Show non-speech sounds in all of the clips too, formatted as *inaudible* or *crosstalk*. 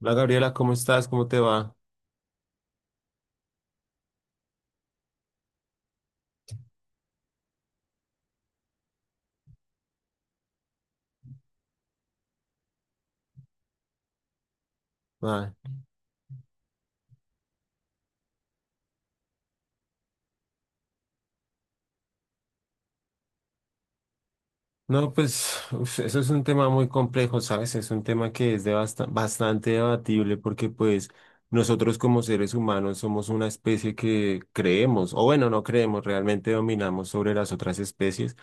Hola Gabriela, ¿cómo estás? ¿Cómo te va? Ay, no, pues uf, eso es un tema muy complejo, ¿sabes? Es un tema que es de bastante debatible, porque pues nosotros como seres humanos somos una especie que creemos, o bueno, no creemos, realmente dominamos sobre las otras especies,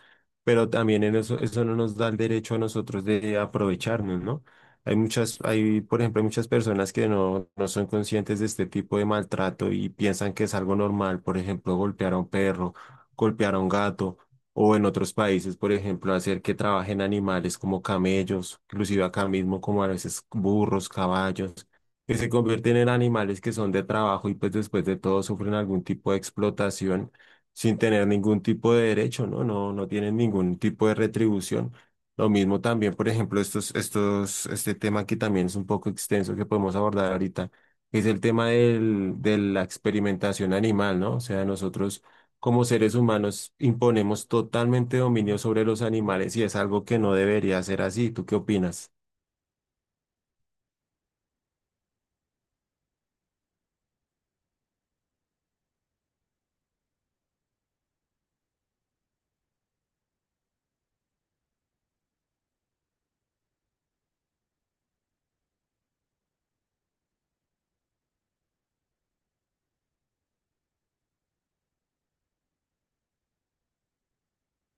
pero también en eso, eso no nos da el derecho a nosotros de aprovecharnos, ¿no? Hay, por ejemplo, hay muchas personas que no son conscientes de este tipo de maltrato y piensan que es algo normal, por ejemplo, golpear a un perro, golpear a un gato o en otros países, por ejemplo, hacer que trabajen animales como camellos, inclusive acá mismo como a veces burros, caballos, que se convierten en animales que son de trabajo y pues después de todo sufren algún tipo de explotación sin tener ningún tipo de derecho, ¿no? No, no tienen ningún tipo de retribución. Lo mismo también, por ejemplo, este tema que también es un poco extenso que podemos abordar ahorita, es el tema de la experimentación animal, ¿no? O sea, nosotros como seres humanos imponemos totalmente dominio sobre los animales y es algo que no debería ser así. ¿Tú qué opinas?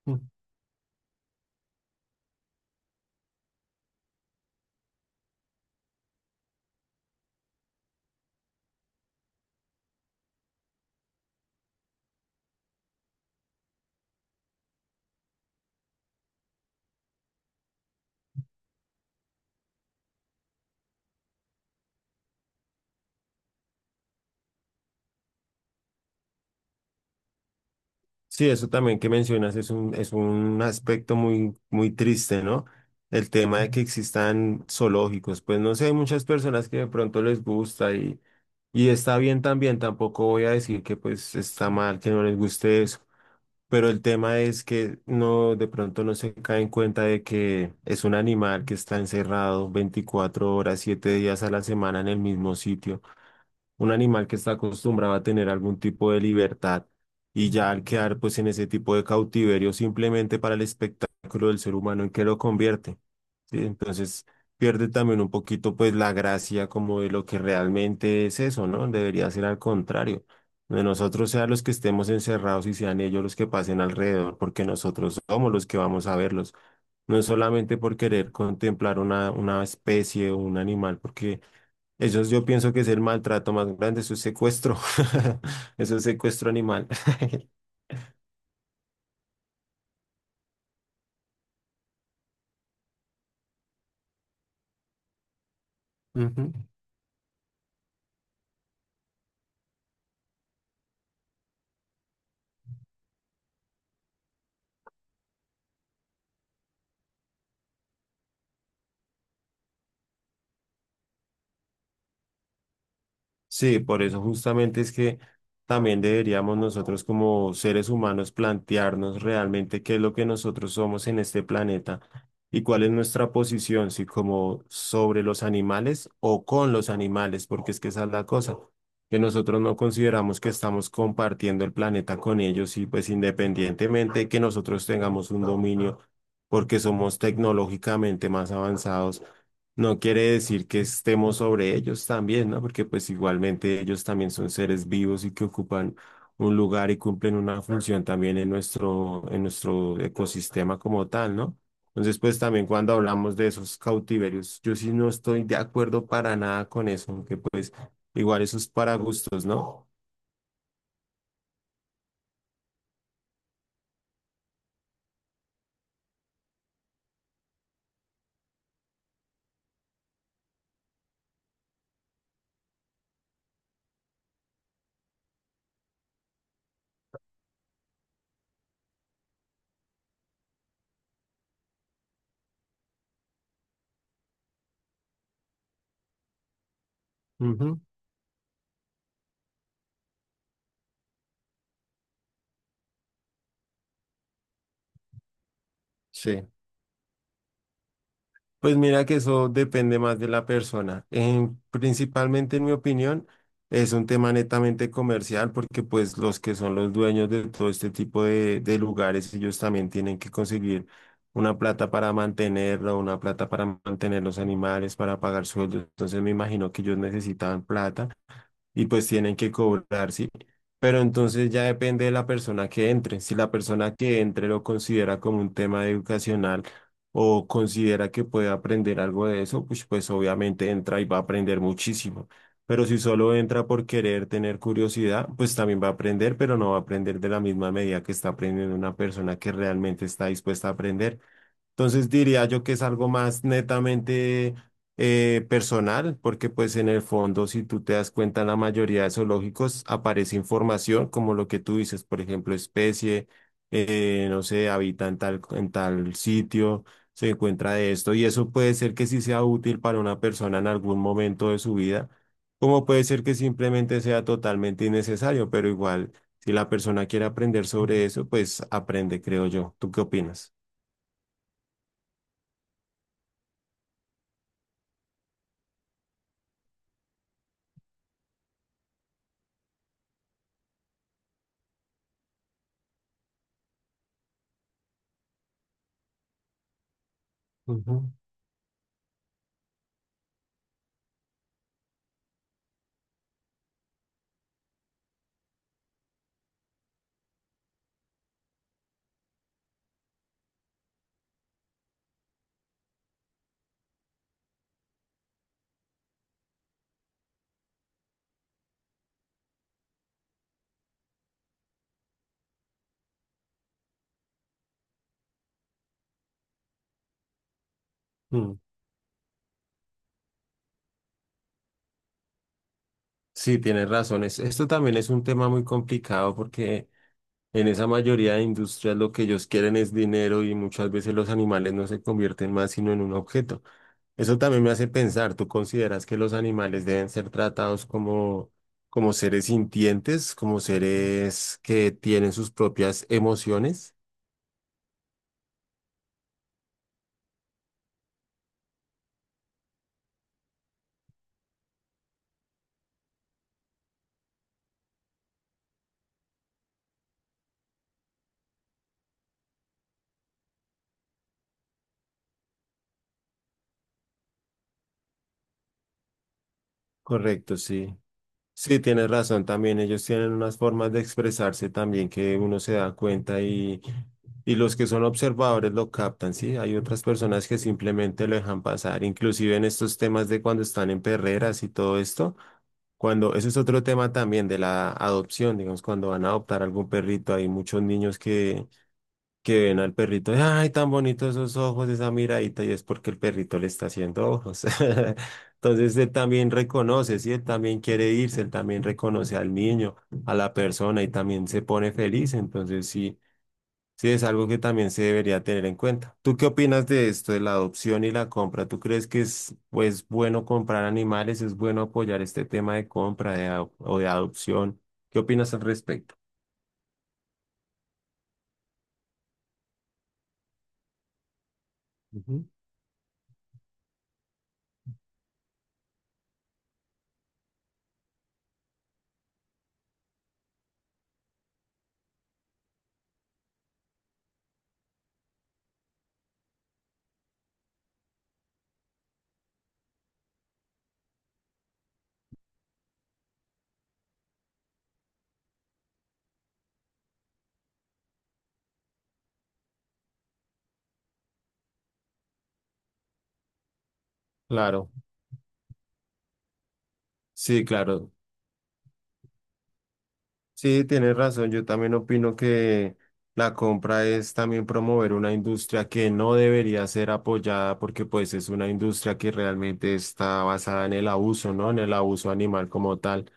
Mm. Sí, eso también que mencionas es un aspecto muy, muy triste, ¿no? El tema de que existan zoológicos, pues no sé, hay muchas personas que de pronto les gusta y está bien también, tampoco voy a decir que pues está mal, que no les guste eso, pero el tema es que no, de pronto no se cae en cuenta de que es un animal que está encerrado 24 horas, 7 días a la semana en el mismo sitio. Un animal que está acostumbrado a tener algún tipo de libertad y ya al quedar pues en ese tipo de cautiverio simplemente para el espectáculo del ser humano en que lo convierte. Sí, entonces pierde también un poquito pues la gracia como de lo que realmente es eso, ¿no? Debería ser al contrario. De nosotros sean los que estemos encerrados y sean ellos los que pasen alrededor, porque nosotros somos los que vamos a verlos. No es solamente por querer contemplar una especie o un animal, porque yo pienso que es el maltrato más grande, eso es secuestro, *laughs* eso es secuestro animal. *laughs* Ujú. Sí, por eso justamente es que también deberíamos nosotros como seres humanos plantearnos realmente qué es lo que nosotros somos en este planeta y cuál es nuestra posición, si como sobre los animales o con los animales, porque es que esa es la cosa, que nosotros no consideramos que estamos compartiendo el planeta con ellos y pues independientemente que nosotros tengamos un dominio porque somos tecnológicamente más avanzados. No quiere decir que estemos sobre ellos también, ¿no? Porque pues igualmente ellos también son seres vivos y que ocupan un lugar y cumplen una función también en en nuestro ecosistema como tal, ¿no? Entonces, pues también cuando hablamos de esos cautiverios, yo sí no estoy de acuerdo para nada con eso, aunque pues igual eso es para gustos, ¿no? Ujú, sí. Pues mira que eso depende más de la persona. Principalmente, en mi opinión, es un tema netamente comercial, porque pues los que son los dueños de todo este tipo de lugares, ellos también tienen que conseguir una plata para mantenerlo, una plata para mantener los animales, para pagar sueldos. Entonces me imagino que ellos necesitaban plata y pues tienen que cobrar, ¿sí? Pero entonces ya depende de la persona que entre. Si la persona que entre lo considera como un tema educacional o considera que puede aprender algo de eso, pues, pues obviamente entra y va a aprender muchísimo. Pero si solo entra por querer tener curiosidad, pues también va a aprender, pero no va a aprender de la misma medida que está aprendiendo una persona que realmente está dispuesta a aprender. Entonces diría yo que es algo más netamente personal, porque pues en el fondo, si tú te das cuenta, en la mayoría de zoológicos aparece información como lo que tú dices, por ejemplo, especie, no sé, habita en tal sitio, se encuentra de esto, y eso puede ser que sí sea útil para una persona en algún momento de su vida, como puede ser que simplemente sea totalmente innecesario, pero igual, si la persona quiere aprender sobre eso, pues aprende, creo yo. ¿Tú qué opinas? Ujú. Mm. Sí, tienes razón. Esto también es un tema muy complicado, porque en esa mayoría de industrias lo que ellos quieren es dinero y muchas veces los animales no se convierten más sino en un objeto. Eso también me hace pensar, ¿tú consideras que los animales deben ser tratados como seres sintientes, como seres que tienen sus propias emociones? Correcto, sí. Sí, tienes razón, también ellos tienen unas formas de expresarse también que uno se da cuenta y los que son observadores lo captan, ¿sí? Hay otras personas que simplemente lo dejan pasar, inclusive en estos temas de cuando están en perreras y todo esto, cuando, eso es otro tema también de la adopción, digamos, cuando van a adoptar algún perrito, hay muchos niños que ven al perrito, ay, tan bonitos esos ojos, esa miradita, y es porque el perrito le está haciendo ojos. *laughs* Entonces él también reconoce, sí, él también quiere irse, él también reconoce al niño, a la persona y también se pone feliz. Entonces sí, sí es algo que también se debería tener en cuenta. ¿Tú qué opinas de esto, de la adopción y la compra? ¿Tú crees que es pues bueno comprar animales, es bueno apoyar este tema de compra de, o de adopción? ¿Qué opinas al respecto? Ujú. Claro, sí, claro. Sí, tienes razón. Yo también opino que la compra es también promover una industria que no debería ser apoyada, porque pues es una industria que realmente está basada en el abuso, ¿no? En el abuso animal como tal.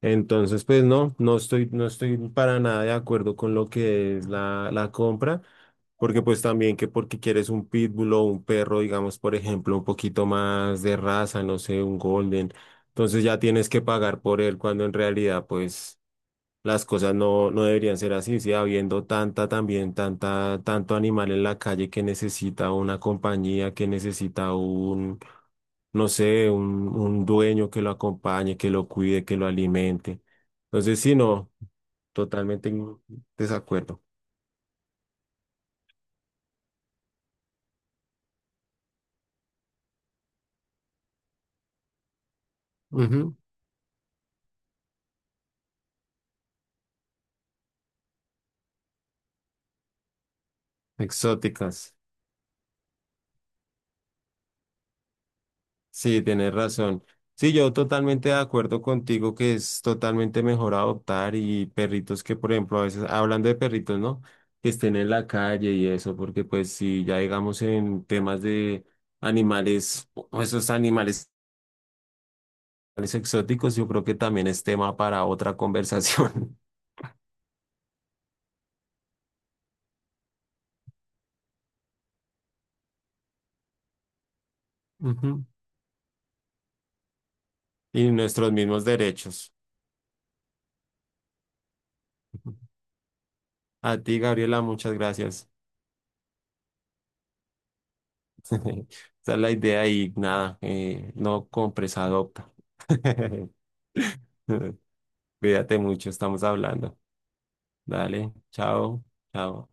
Entonces, pues no, no estoy para nada de acuerdo con lo que es la compra. Porque pues también que porque quieres un pitbull o un perro, digamos, por ejemplo, un poquito más de raza, no sé, un golden, entonces ya tienes que pagar por él cuando en realidad pues las cosas no, no deberían ser así, sí, habiendo tanta también, tanto animal en la calle que necesita una compañía, que necesita no sé, un dueño que lo acompañe, que lo cuide, que lo alimente. Entonces, sí, no, totalmente en desacuerdo. Ujú. Exóticas. Sí, tienes razón. Sí, yo totalmente de acuerdo contigo que es totalmente mejor adoptar y perritos que, por ejemplo, a veces, hablando de perritos, ¿no? Que estén en la calle y eso, porque pues si ya digamos en temas de animales, o esos animales exóticos, yo creo que también es tema para otra conversación. *laughs* Ujú. Y nuestros mismos derechos. Ujú. A ti, Gabriela, muchas gracias. *laughs* Esa es la idea y nada, no compres, adopta. *laughs* Cuídate mucho, estamos hablando. Dale, chao, chao.